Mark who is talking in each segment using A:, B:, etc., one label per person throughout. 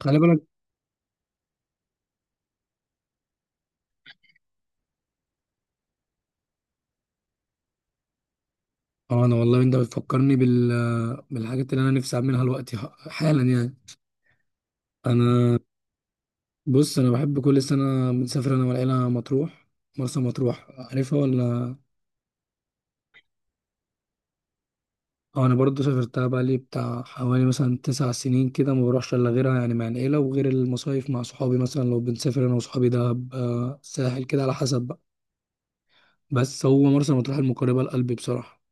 A: خلي بالك. اه انا والله انت بتفكرني بالحاجات اللي انا نفسي اعملها دلوقتي، حالا يعني. انا بص، انا بحب كل سنه بنسافر انا والعيله مطروح، مرسى مطروح، عارفها ولا؟ اه، انا برضو سافرتها بقى لي بتاع حوالي مثلا 9 سنين كده، ما بروحش الا غيرها يعني مع العيله، وغير المصايف مع صحابي. مثلا لو بنسافر انا وصحابي دهب، ساحل كده على حسب بقى. بس هو مرسى مطروح المقربه لقلبي بصراحه،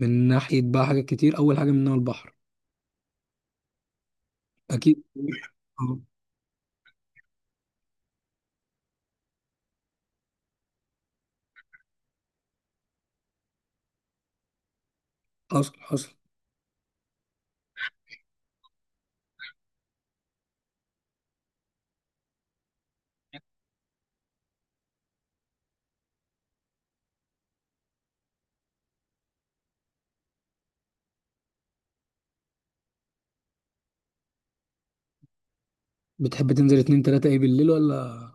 A: من ناحيه بقى حاجات كتير، اول حاجه منها البحر. اكيد اه. حصل حصل. بتحب تنزل اتنين تلاتة ايه، بالليل ولا؟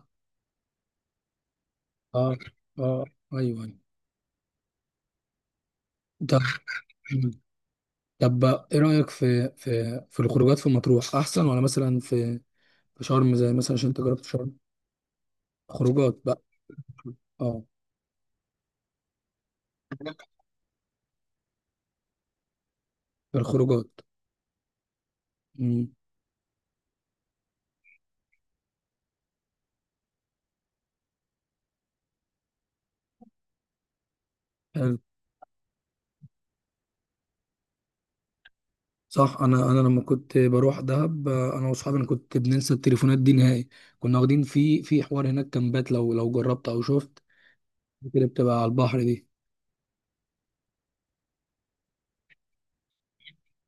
A: اه، اه. ايوه، أيوة. طب، ايه رأيك في الخروجات، في مطروح احسن ولا مثلا في شرم؟ زي مثلا عشان انت جربت شرم، خروجات بقى. اه، الخروجات. امم حلو. صح، انا لما كنت بروح دهب، انا واصحابي، انا كنت بننسى التليفونات دي نهائي. كنا واخدين في حوار هناك كامبات، لو جربت او شفت اللي بتبقى على البحر دي.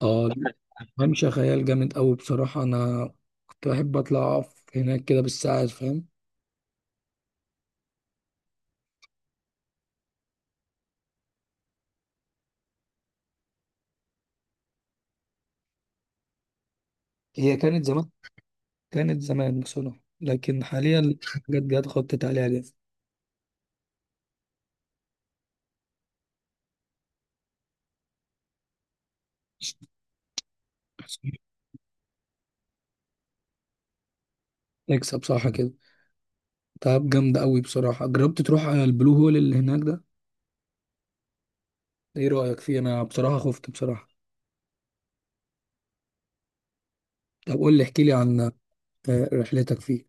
A: اه، ممشى خيال جامد أوي بصراحة، أنا كنت بحب أطلع أقف هناك كده بالساعات، فاهم. هي كانت زمان، كانت زمان بصراحة، لكن حاليا الحاجات جت خطت عليها ليه. نكسب صح كده. تعب جامدة أوي بصراحة. جربت تروح على البلو هول اللي هناك ده؟ إيه رأيك فيه؟ أنا بصراحة خفت بصراحة. طب قول لي، احكي لي عن رحلتك فيه.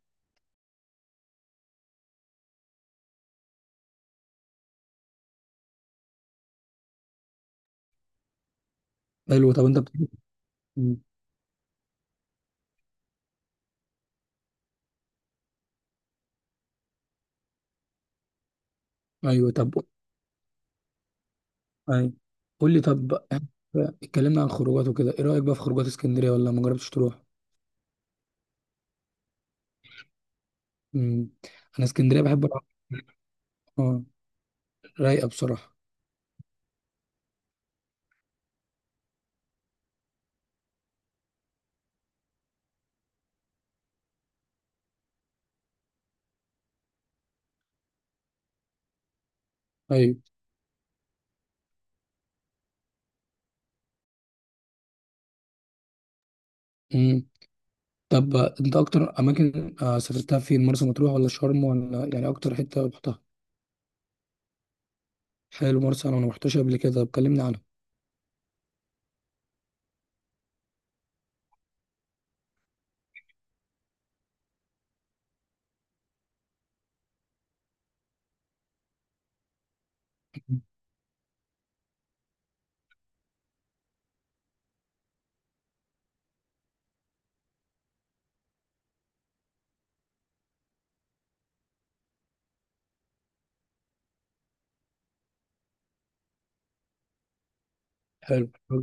A: حلو. طب أنت مم. أيوه. طب أيوه، قول لي. طب اتكلمنا عن خروجات وكده، إيه رأيك بقى في خروجات اسكندرية، ولا ما جربتش تروح؟ مم. أنا اسكندرية بحب. اه، رايقة بصراحة. أيوة. مم. طب أنت أكتر أماكن سافرتها فين؟ مرسى مطروح ولا شرم ولا، يعني أكتر حتة رحتها؟ حلو، مرسى أنا ما رحتهاش قبل كده، طب كلمني عنها. مم. حلو.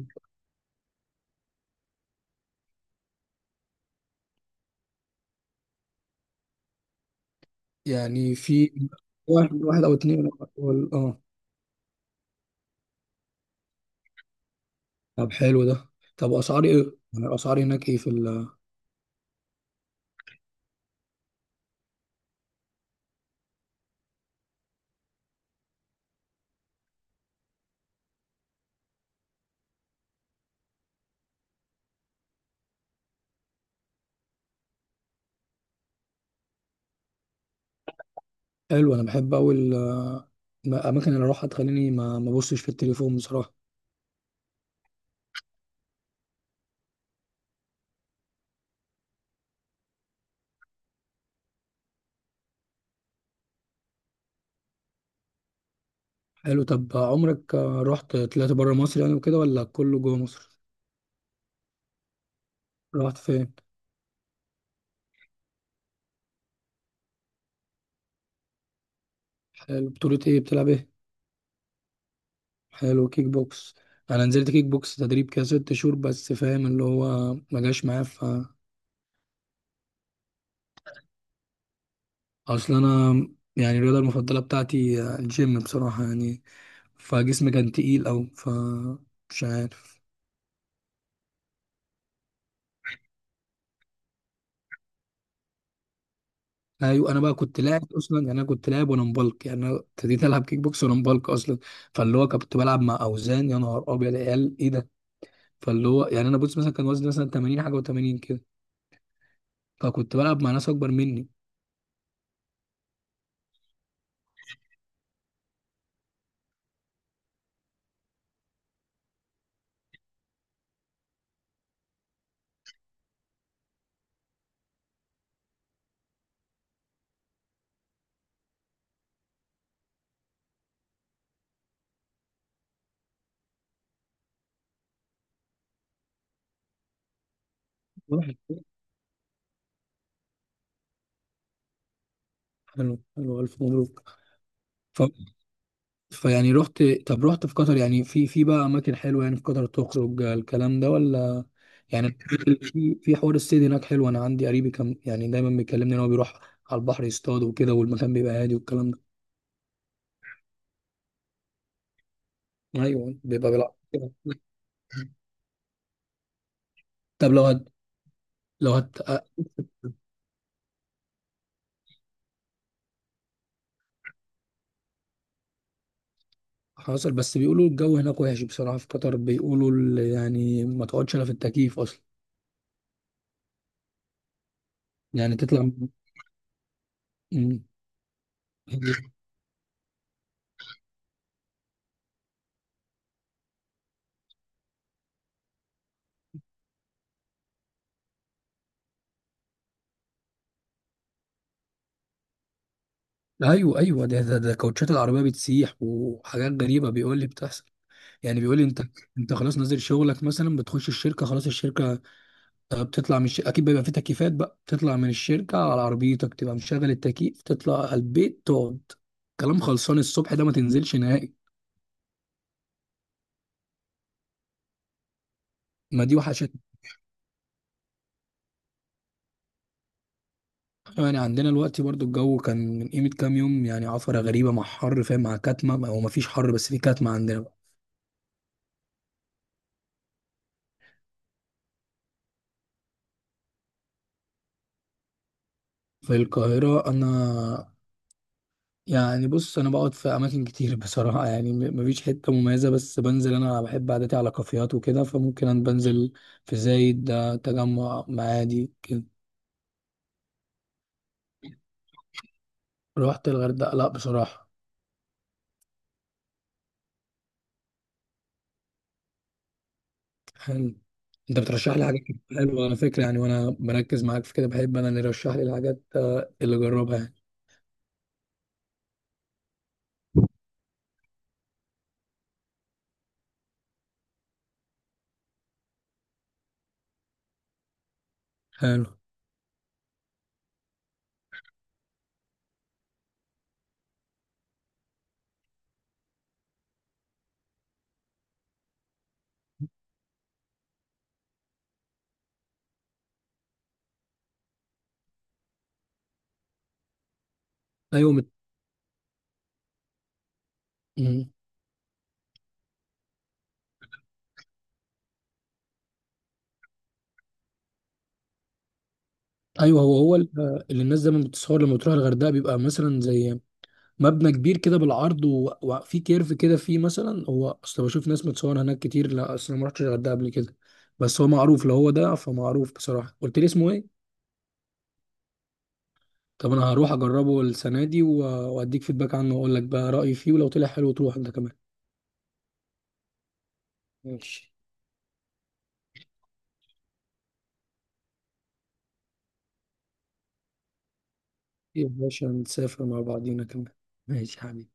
A: يعني في واحد أو اتنين. اه. طب حلو ده. طب أسعار إيه، يعني الأسعار هناك إيه؟ في حلو، أنا بحب أوي الأماكن اللي أروحها تخليني ما أبصش في التليفون بصراحة. حلو. طب عمرك طلعت بره مصر يعني وكده، ولا كله جوه مصر؟ رحت فين؟ حلو، بطولة ايه، بتلعب ايه؟ حلو، كيك بوكس. انا نزلت كيك بوكس تدريب كده 6 شهور بس، فاهم، اللي هو ما جاش معايا، اصل انا يعني الرياضة المفضلة بتاعتي الجيم بصراحة يعني. فجسمي كان تقيل، او مش عارف. ايوه، انا بقى كنت لاعب اصلا يعني، انا كنت لاعب وانا مبلك يعني، انا ابتديت العب كيك بوكس وانا مبلك اصلا. فاللي هو كنت بلعب مع اوزان، يا نهار ابيض يا عيال ايه ده. فاللي هو يعني، انا بص مثلا كان وزني مثلا 80 حاجه و80 كده، فكنت بلعب مع ناس اكبر مني. حلو حلو، ألف مبروك. ف... فيعني رحت، طب رحت في قطر، يعني في بقى أماكن حلوة يعني في قطر تخرج الكلام ده ولا؟ يعني في حوار الصيد هناك حلو. أنا عندي قريبي كان يعني دايما بيكلمني إن هو بيروح على البحر يصطاد وكده، والمكان بيبقى هادي والكلام ده. أيوه، بيبقى بالعكس كده. طب لو هت... حصل. بس بيقولوا الجو هناك وحش بصراحة. في قطر بيقولوا يعني ما تقعدش إلا في التكييف أصلا، يعني تطلع. مم. ايوه، ايوه، ده كوتشات العربيه بتسيح وحاجات غريبه، بيقول لي بتحصل. يعني بيقول لي انت، خلاص نازل شغلك مثلا، بتخش الشركه، خلاص الشركه، بتطلع من الشركه، اكيد بيبقى في تكييفات بقى، بتطلع من الشركه على عربيتك تبقى مشغل التكييف، تطلع على البيت تقعد. كلام خلصان الصبح ده ما تنزلش نهائي. ما دي وحشت. يعني عندنا الوقت برضو الجو كان من قيمه كام يوم يعني، عفره غريبه مع حر فاهم، مع كتمه، او ما فيش حر بس في كتمه عندنا بقى. في القاهره انا، يعني بص انا بقعد في اماكن كتير بصراحه، يعني مفيش حته مميزه، بس بنزل انا بحب عادتي على كافيهات وكده، فممكن انا بنزل في زايد ده، تجمع معادي كده. رحت الغردقه، لا بصراحه. حلو. انت بترشح لي طب حاجات كتير حلوه على فكره يعني، وانا بركز معاك في كده، بحب انا اللي يرشح لي الحاجات اللي اجربها يعني. حلو. ايوه مم. ايوه، هو اللي الناس دايما بتصور لما بتروح الغردقه، بيبقى مثلا زي مبنى كبير كده بالعرض، وفي كيرف كده فيه مثلا، هو اصل بشوف ناس متصور هناك كتير، لا اصل انا ما رحتش الغردقه قبل كده، بس هو معروف لو هو ده، فمعروف بصراحه. قلت لي اسمه ايه؟ طب انا هروح اجربه السنه دي واديك فيدباك عنه، واقول لك بقى رايي فيه، ولو طلع حلو تروح انت كمان. ماشي. يا باشا نسافر مع بعضينا كمان، ماشي يا حبيبي.